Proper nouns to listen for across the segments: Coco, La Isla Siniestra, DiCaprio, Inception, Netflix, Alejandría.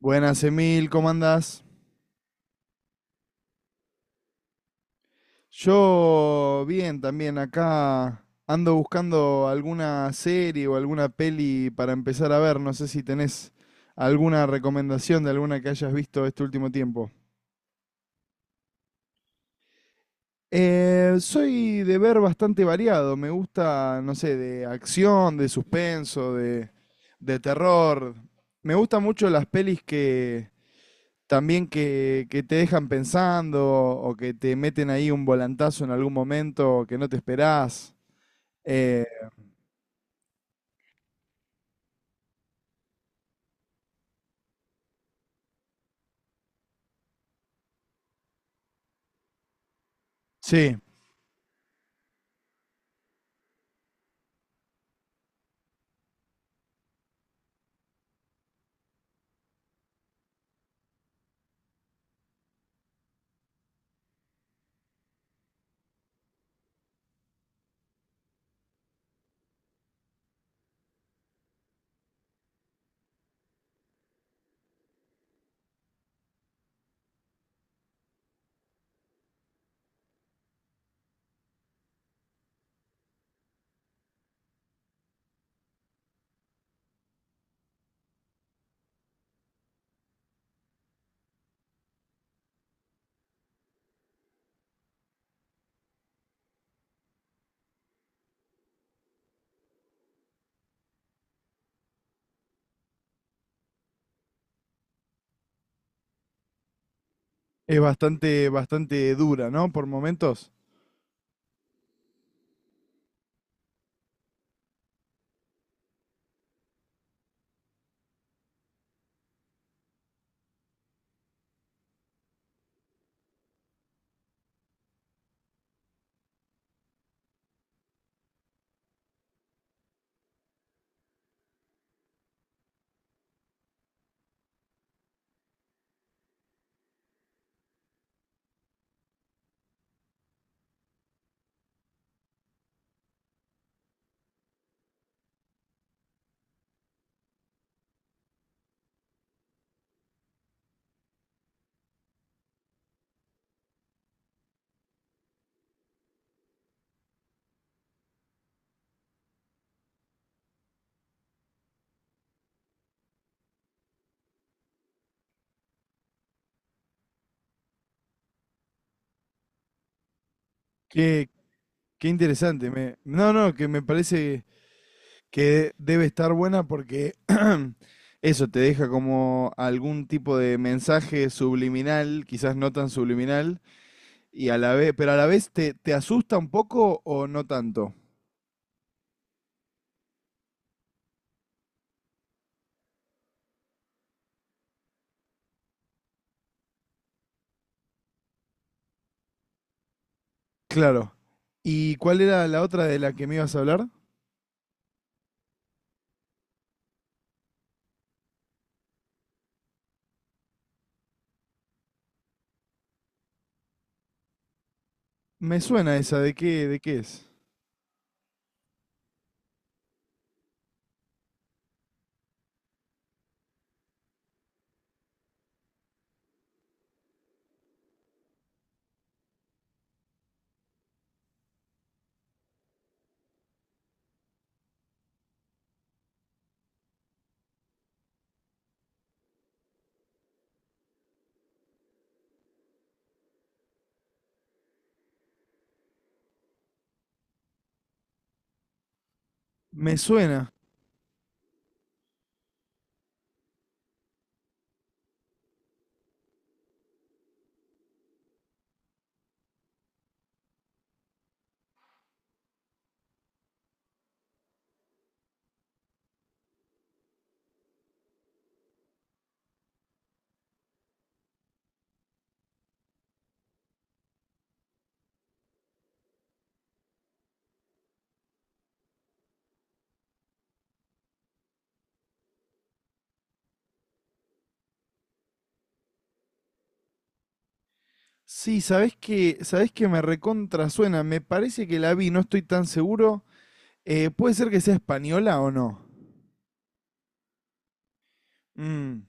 Buenas, Emil, ¿cómo andás? Yo bien, también acá ando buscando alguna serie o alguna peli para empezar a ver. No sé si tenés alguna recomendación de alguna que hayas visto este último tiempo. Soy de ver bastante variado. Me gusta, no sé, de acción, de suspenso, de terror. Me gustan mucho las pelis que que te dejan pensando o que te meten ahí un volantazo en algún momento que no te esperás. Eh, sí, es bastante, bastante dura, ¿no? Por momentos. Qué, qué interesante. No, no, que me parece que debe estar buena porque eso te deja como algún tipo de mensaje subliminal, quizás no tan subliminal, y a la vez, pero a la vez te asusta un poco o no tanto. Claro. ¿Y cuál era la otra de la que me ibas a hablar? Me suena esa, de qué es? Me suena. Sí, sabés que me recontra suena. Me parece que la vi, no estoy tan seguro. ¿Puede ser que sea española o no? Mm.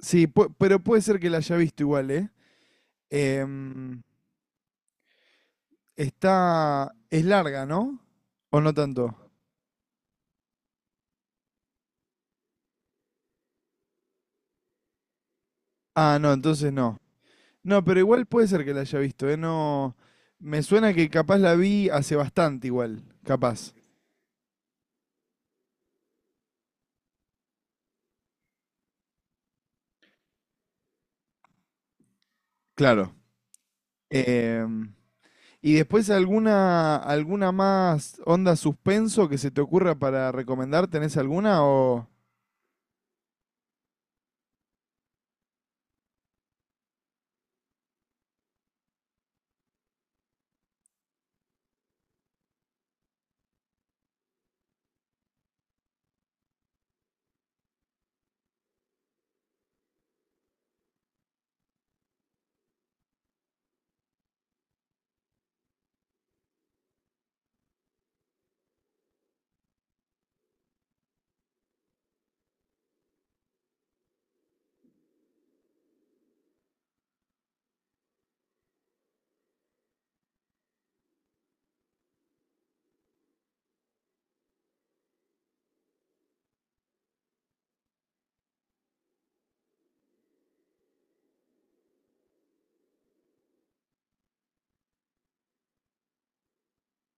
Sí, pu- pero puede ser que la haya visto igual, ¿eh? Em, Está... Es larga, ¿no? ¿O no tanto? Ah, no, entonces no. No, pero igual puede ser que la haya visto, ¿eh? No... Me suena que capaz la vi hace bastante igual, capaz. Claro. Em, y después alguna, alguna más onda suspenso que se te ocurra para recomendar, ¿tenés alguna o...?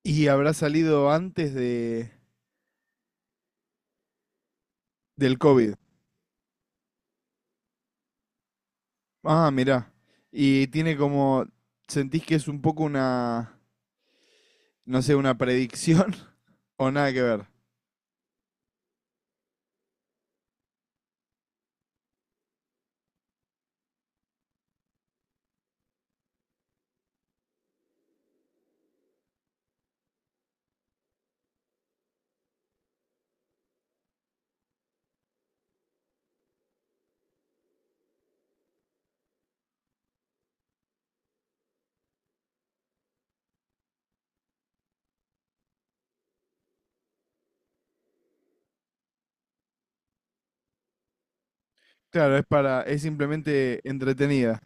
Y habrá salido antes de, del COVID. Ah, mirá. Y tiene como, ¿sentís que es un poco una, no sé, una predicción o nada que ver? Claro, es para, es simplemente entretenida.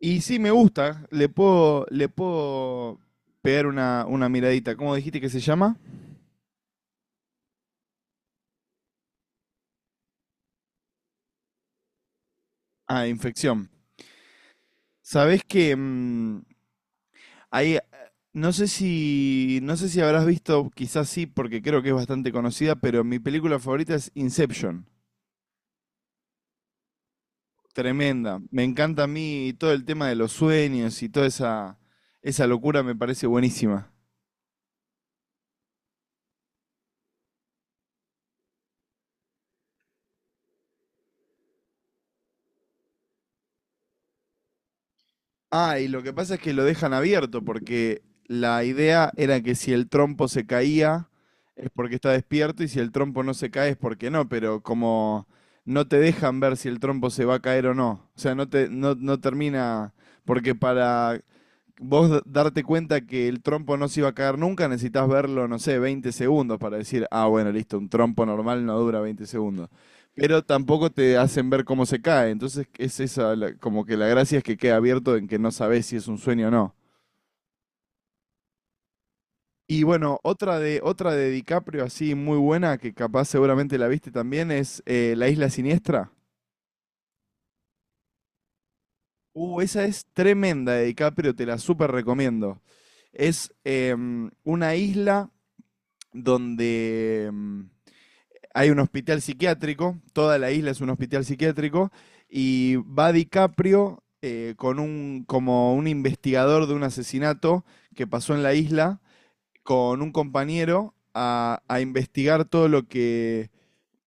Y sí me gusta, le puedo pegar una miradita. ¿Cómo dijiste que se llama? Ah, infección. Sabés que mm, hay, no sé si, no sé si habrás visto, quizás sí, porque creo que es bastante conocida, pero mi película favorita es Inception. Tremenda. Me encanta a mí todo el tema de los sueños y toda esa, esa locura me parece buenísima. Ah, y lo que pasa es que lo dejan abierto porque la idea era que si el trompo se caía es porque está despierto y si el trompo no se cae es porque no, pero como no te dejan ver si el trompo se va a caer o no. O sea, no te, no, no termina, porque para vos darte cuenta que el trompo no se iba a caer nunca, necesitas verlo, no sé, 20 segundos para decir, ah, bueno, listo, un trompo normal no dura 20 segundos. Pero tampoco te hacen ver cómo se cae. Entonces, es esa, la- como que la gracia es que queda abierto en que no sabes si es un sueño o no. Y bueno, otra de DiCaprio así muy buena, que capaz seguramente la viste también, es La Isla Siniestra. Esa es tremenda de DiCaprio, te la súper recomiendo. Es una isla donde hay un hospital psiquiátrico, toda la isla es un hospital psiquiátrico, y va DiCaprio con un, como un investigador de un asesinato que pasó en la isla, con un compañero a investigar todo lo que,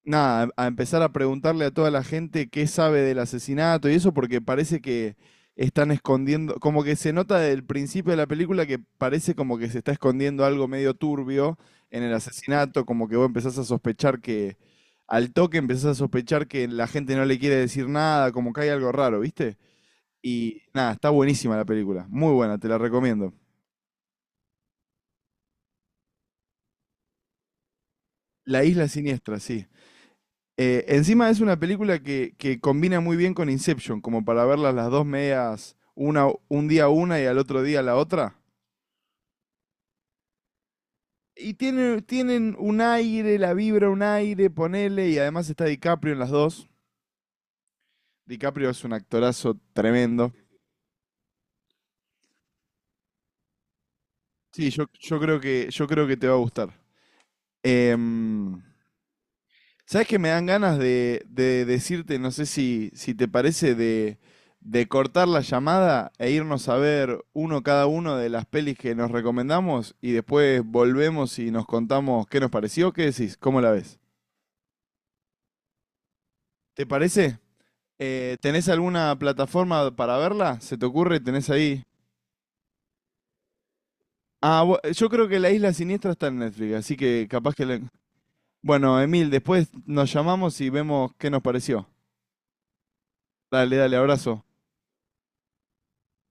nada, a empezar a preguntarle a toda la gente qué sabe del asesinato y eso, porque parece que están escondiendo, como que se nota desde el principio de la película que parece como que se está escondiendo algo medio turbio en el asesinato, como que vos empezás a sospechar que, al toque empezás a sospechar que la gente no le quiere decir nada, como que hay algo raro, ¿viste? Y nada, está buenísima la película, muy buena, te la recomiendo. La Isla Siniestra, sí. Encima es una película que combina muy bien con Inception, como para verlas las dos medias, una, un día una y al otro día la otra. Tienen un aire, la vibra, un aire, ponele, y además está DiCaprio en las dos. DiCaprio es un actorazo tremendo. Sí, yo creo yo creo que te va a gustar. Em, ¿sabes que me dan ganas de decirte, no sé si, si te parece, de cortar la llamada e irnos a ver uno cada uno de las pelis que nos recomendamos y después volvemos y nos contamos qué nos pareció? ¿Qué decís? ¿Cómo la ves? ¿Te parece? ¿Tenés alguna plataforma para verla? ¿Se te ocurre? ¿Tenés ahí? Ah, bu- yo creo que La Isla Siniestra está en Netflix, así que capaz que... la Bueno, Emil, después nos llamamos y vemos qué nos pareció. Dale, dale, abrazo.